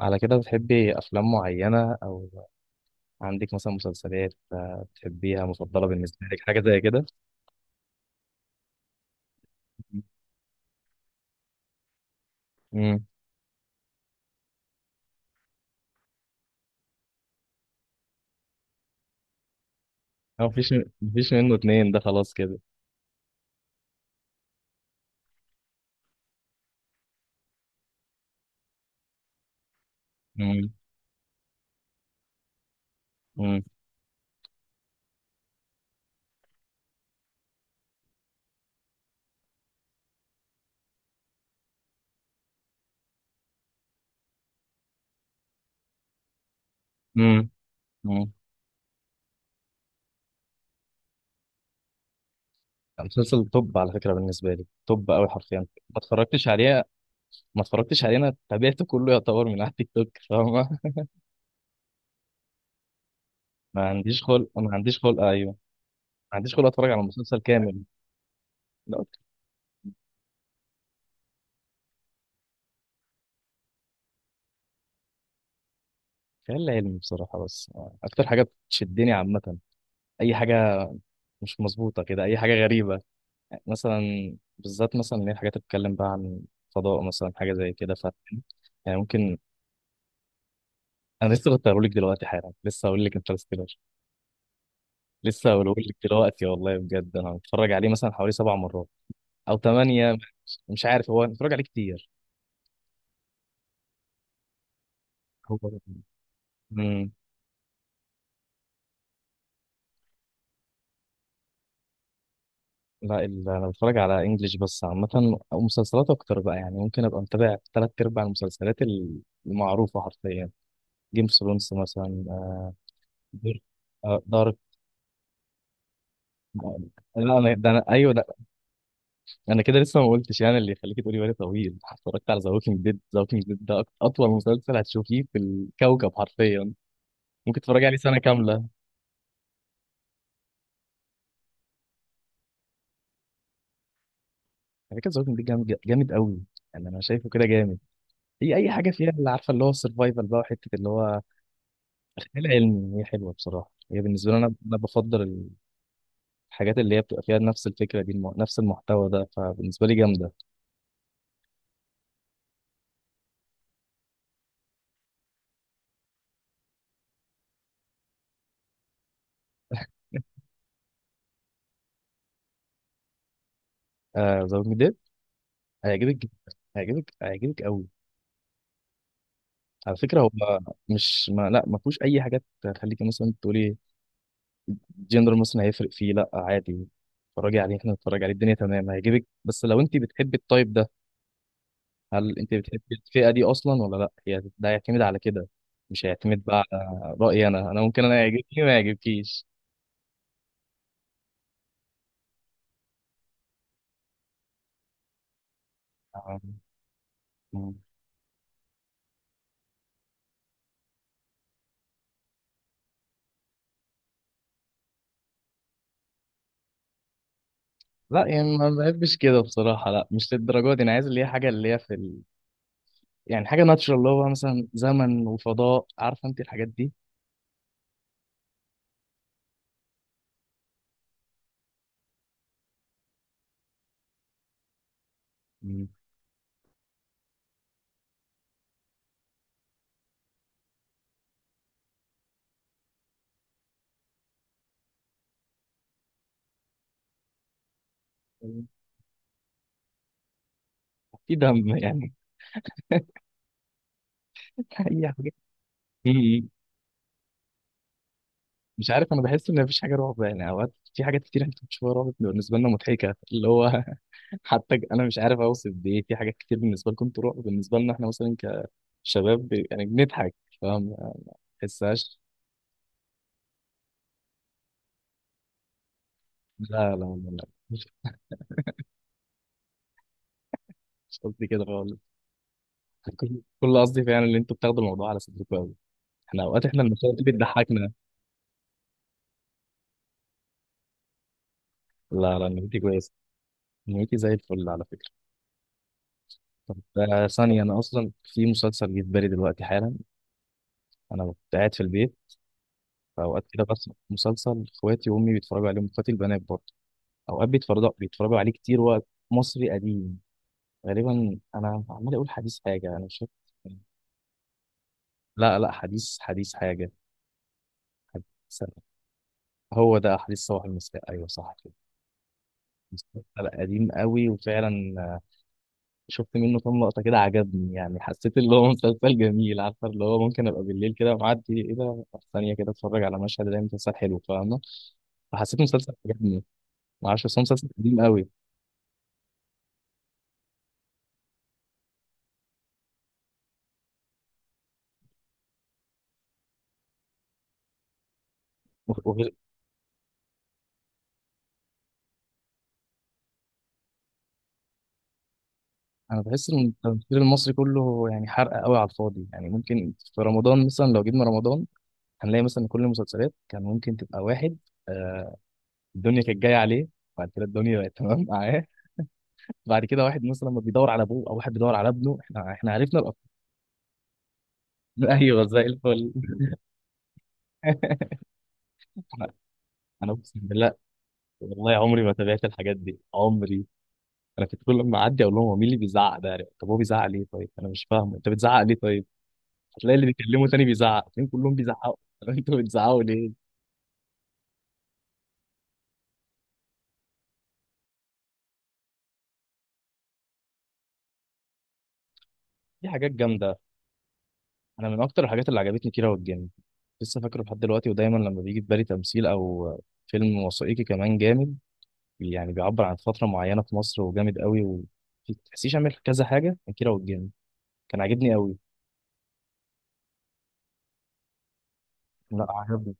على كده بتحبي أفلام معينة أو عندك مثلا مسلسلات بتحبيها مفضلة بالنسبة لك حاجة زي كده؟ امم. هو مفيش منه اتنين، ده خلاص كده. امم، امم، امم، امم. مسلسل توب على فكرة، بالنسبة لي توب أوي حرفيا. اتفرجتش عليه ما اتفرجتش عليه. أنا تابعته كله يعتبر من على التيك توك، فاهمة؟ ما عنديش خلق، أيوه، ما عنديش خلق أتفرج على مسلسل كامل. لا. خيال علمي بصراحة، بس أكتر حاجة بتشدني عامة، أي حاجة مش مظبوطة كده، أي حاجة غريبة مثلا، بالذات مثلا اللي هي الحاجات اللي بتتكلم بقى عن فضاء مثلا، حاجه زي كده، ف يعني ممكن. انا لسه كنت هقوله لك دلوقتي حالا، لسه هقول لك انترستيلر، لسه هقوله لك دلوقتي والله. بجد انا متفرج عليه مثلا حوالي 7 مرات او 8. مش عارف، هو أنا متفرج عليه كتير، هو. امم. لا، انا بتفرج على انجليش بس عامه، او مسلسلات اكتر بقى، يعني ممكن ابقى متابع ثلاث ارباع المسلسلات المعروفه حرفيا. جيم اوف ثرونز مثلا. دارك. لا، انا ده انا، ايوه، ده. انا كده لسه ما قلتش، يعني اللي يخليك تقولي بالي طويل، اتفرجت على ذا ووكينج ديد. ذا ووكينج ديد ده اطول مسلسل هتشوفيه في الكوكب حرفيا. ممكن تتفرجي عليه سنه كامله. على فكره، ذا ووكينج ديد جامد جامد قوي. يعني انا شايفه كده جامد. هي اي حاجه فيها اللي عارفه، اللي هو السرفايفل بقى، وحته اللي هو خيال علمي، هي حلوه بصراحه. هي بالنسبه لي، انا بفضل الحاجات اللي هي بتبقى فيها نفس الفكره دي، نفس المحتوى ده، فبالنسبه لي جامده. ذا ووكينج ديد هيعجبك جدا. هيعجبك قوي على فكره هو. مش، ما، لا، ما فيهوش اي حاجات تخليكي مثلا تقولي جندر مثلا هيفرق فيه، لا عادي. اتفرجي عليه، احنا نتفرج عليه، الدنيا تمام، هيعجبك بس لو انت بتحبي التايب ده. هل انت بتحبي الفئة دي اصلا ولا لا؟ هي ده هيعتمد على كده. مش هيعتمد بقى على رأيي، انا ممكن انا يعجبني ما يعجبكيش. أم- أم. لا يعني ما بحبش كده بصراحة، لا مش للدرجة دي. انا عايز اللي هي حاجة اللي هي يعني حاجة ناتشرال اللي هو مثلا زمن وفضاء، عارفة انت الحاجات دي. مم. في دم يعني. اي حاجة مش عارف. انا بحس ان مفيش حاجه رعب، يعني اوقات في حاجات كتير احنا بنشوفها رعب بتبقى بالنسبه لنا مضحكه اللي هو. حتى انا مش عارف اوصف بايه، في حاجات كتير بالنسبه لكم انتوا رعب، بالنسبه لنا احنا مثلا كشباب يعني بنضحك، فاهم؟ ما بحسهاش. لا، لا، لا، لا. مش مش قصدي كده خالص. كل قصدي فعلا ان انتوا بتاخدوا الموضوع على صدركم قوي. احنا اوقات، احنا المشاهد دي بتضحكنا. لا، لا، نيتي كويسه. نيتي زي الفل على فكره. طب ثانيه، انا اصلا في مسلسل جه في بالي دلوقتي حالا. انا كنت قاعد في البيت فأوقات كده، بس مسلسل إخواتي وأمي بيتفرجوا عليه، إخواتي البنات برضه. أوقات بيتفرجوا عليه كتير، وقت مصري قديم غالبا. أنا عمال أقول حديث حاجة، أنا مش فاكر. لا، لا، حديث، حديث حاجة. حديث سنة. هو ده حديث صباح المساء، أيوه صح كده. مسلسل قديم قوي، وفعلا شفت منه كام لقطة كده، عجبني يعني. حسيت اللي هو مسلسل جميل، عارفة اللي هو ممكن أبقى بالليل كده معدي، إيه ده؟ ثانية كده أتفرج على مشهد، ده مسلسل حلو فاهمة. فحسيت مسلسل عجبني. معرفش، بس هو مسلسل قديم قوي. وغ- انا بحس ان التمثيل المصري كله يعني حرق قوي على الفاضي. يعني ممكن في رمضان مثلا، لو جبنا رمضان هنلاقي مثلا كل المسلسلات كان ممكن تبقى واحد، آه، الدنيا كانت جايه عليه، بعد كده الدنيا بقت تمام معاه، بعد كده واحد مثلا ما بيدور على ابوه او واحد بيدور على ابنه، احنا عرفنا الافكار. ايوه زي الفل. انا أنا اقسم بالله. والله عمري ما تابعت الحاجات دي عمري. انا كنت كل ما اعدي اقول لهم هو مين اللي بيزعق ده؟ طب هو بيزعق ليه؟ طيب انا مش فاهمه، انت بتزعق ليه؟ طيب هتلاقي اللي بيكلمه تاني بيزعق فين؟ كلهم بيزعقوا. طب انتوا بتزعقوا ليه؟ في حاجات جامده. انا من اكتر الحاجات اللي عجبتني كيرة والجن، لسه فاكره لحد دلوقتي. ودايما لما بيجي في بالي تمثيل او فيلم وثائقي كمان جامد، يعني بيعبر عن فتره معينه في مصر وجامد قوي، وما تحسيش عامل كذا حاجه. كان كيرة والجن كان عاجبني قوي. لا، عجبني.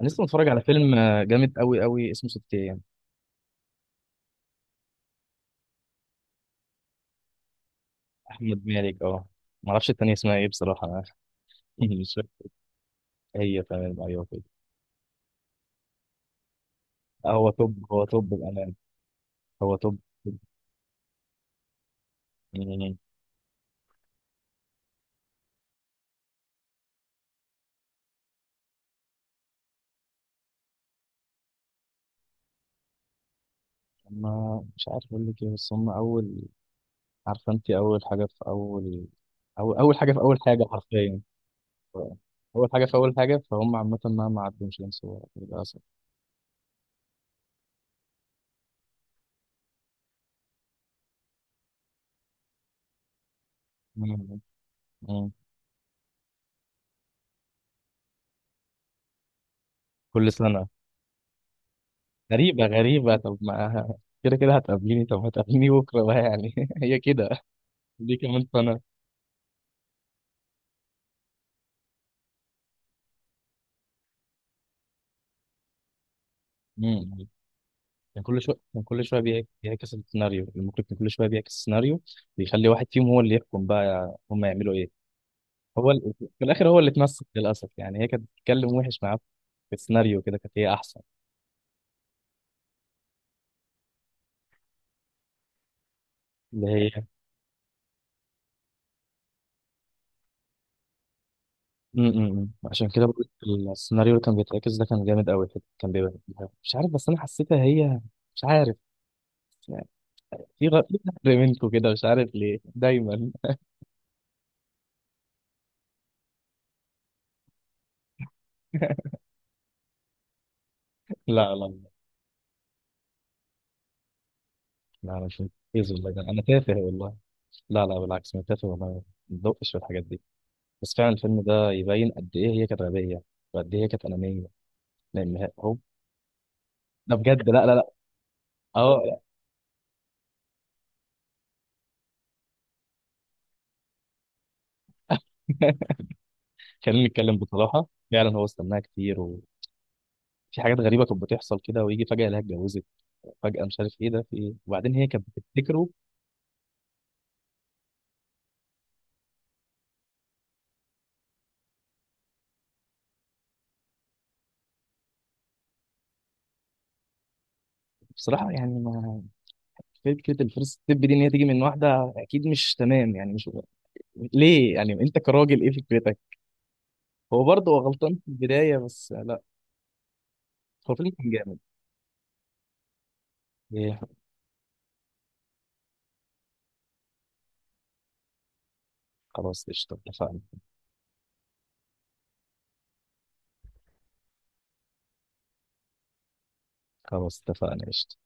انا لسه متفرج على فيلم جامد قوي قوي اسمه ست ايام. احمد مالك، اه. ما اعرفش التانية اسمها ايه بصراحه انا، مش فاكر. هي تمام، ايوه كده. هو توب، هو توب بامان، هو توب. يعني ما مش عارف اقول لك ايه، بس هم اول، عارفه انت، اول حاجه في اول، أو اول حاجه في اول حاجه حرفيا. ف- اول حاجه في اول حاجه فهم عامه، مهما عدوا مش هينسوا للاسف. مم. مم. كل سنه. غريبه غريبه، طب ما كده كده هتقابليني، طب هتقابليني بكره بقى يعني. هي كده. دي كمان سنه. مم. كان كل شويه بيعكس السيناريو، المخرج كان كل شويه بيعكس السيناريو. بيخلي واحد فيهم هو اللي يحكم بقى، هم يعملوا ايه؟ هو في الاخر هو اللي اتمسك للاسف، يعني هي كانت بتتكلم وحش معاه. في السيناريو كده كانت هي احسن. اللي هي م- م- م. عشان كده بقول لك، السيناريو اللي كان بيتعكس ده كان جامد قوي. كان بيبقى مش عارف، بس انا حسيتها هي. مش عارف، يعني في غدر منكم كده، مش عارف ليه دايما. لا، لا، لا، لا، مش مركز والله، ده انا تافه والله. لا، لا، بالعكس، انا تافه والله، ما بدقش في الحاجات دي. بس فعلا الفيلم ده يبين قد ايه هي كانت غبيه، وقد ايه هي كانت انانيه، لان هو ده بجد. لا، لا، لا. اه خلينا نتكلم بصراحه، فعلا هو استناها كتير، وفي حاجات غريبه كانت بتحصل كده، ويجي فجاه يلاقيها اتجوزت فجأة، مش عارف ايه ده، في ايه؟ وبعدين هي كانت بتفتكره. بصراحة يعني ما، فكرة الفيرست ستيب دي ان هي تيجي من واحدة اكيد مش تمام، يعني مش ليه. يعني انت كراجل ايه فكرتك؟ هو برضه هو غلطان في البداية، بس لا. هو فيلم كان جامد. ايه؟ خلاص قشطة، اتفقنا. خلاص اتفقنا قشطة.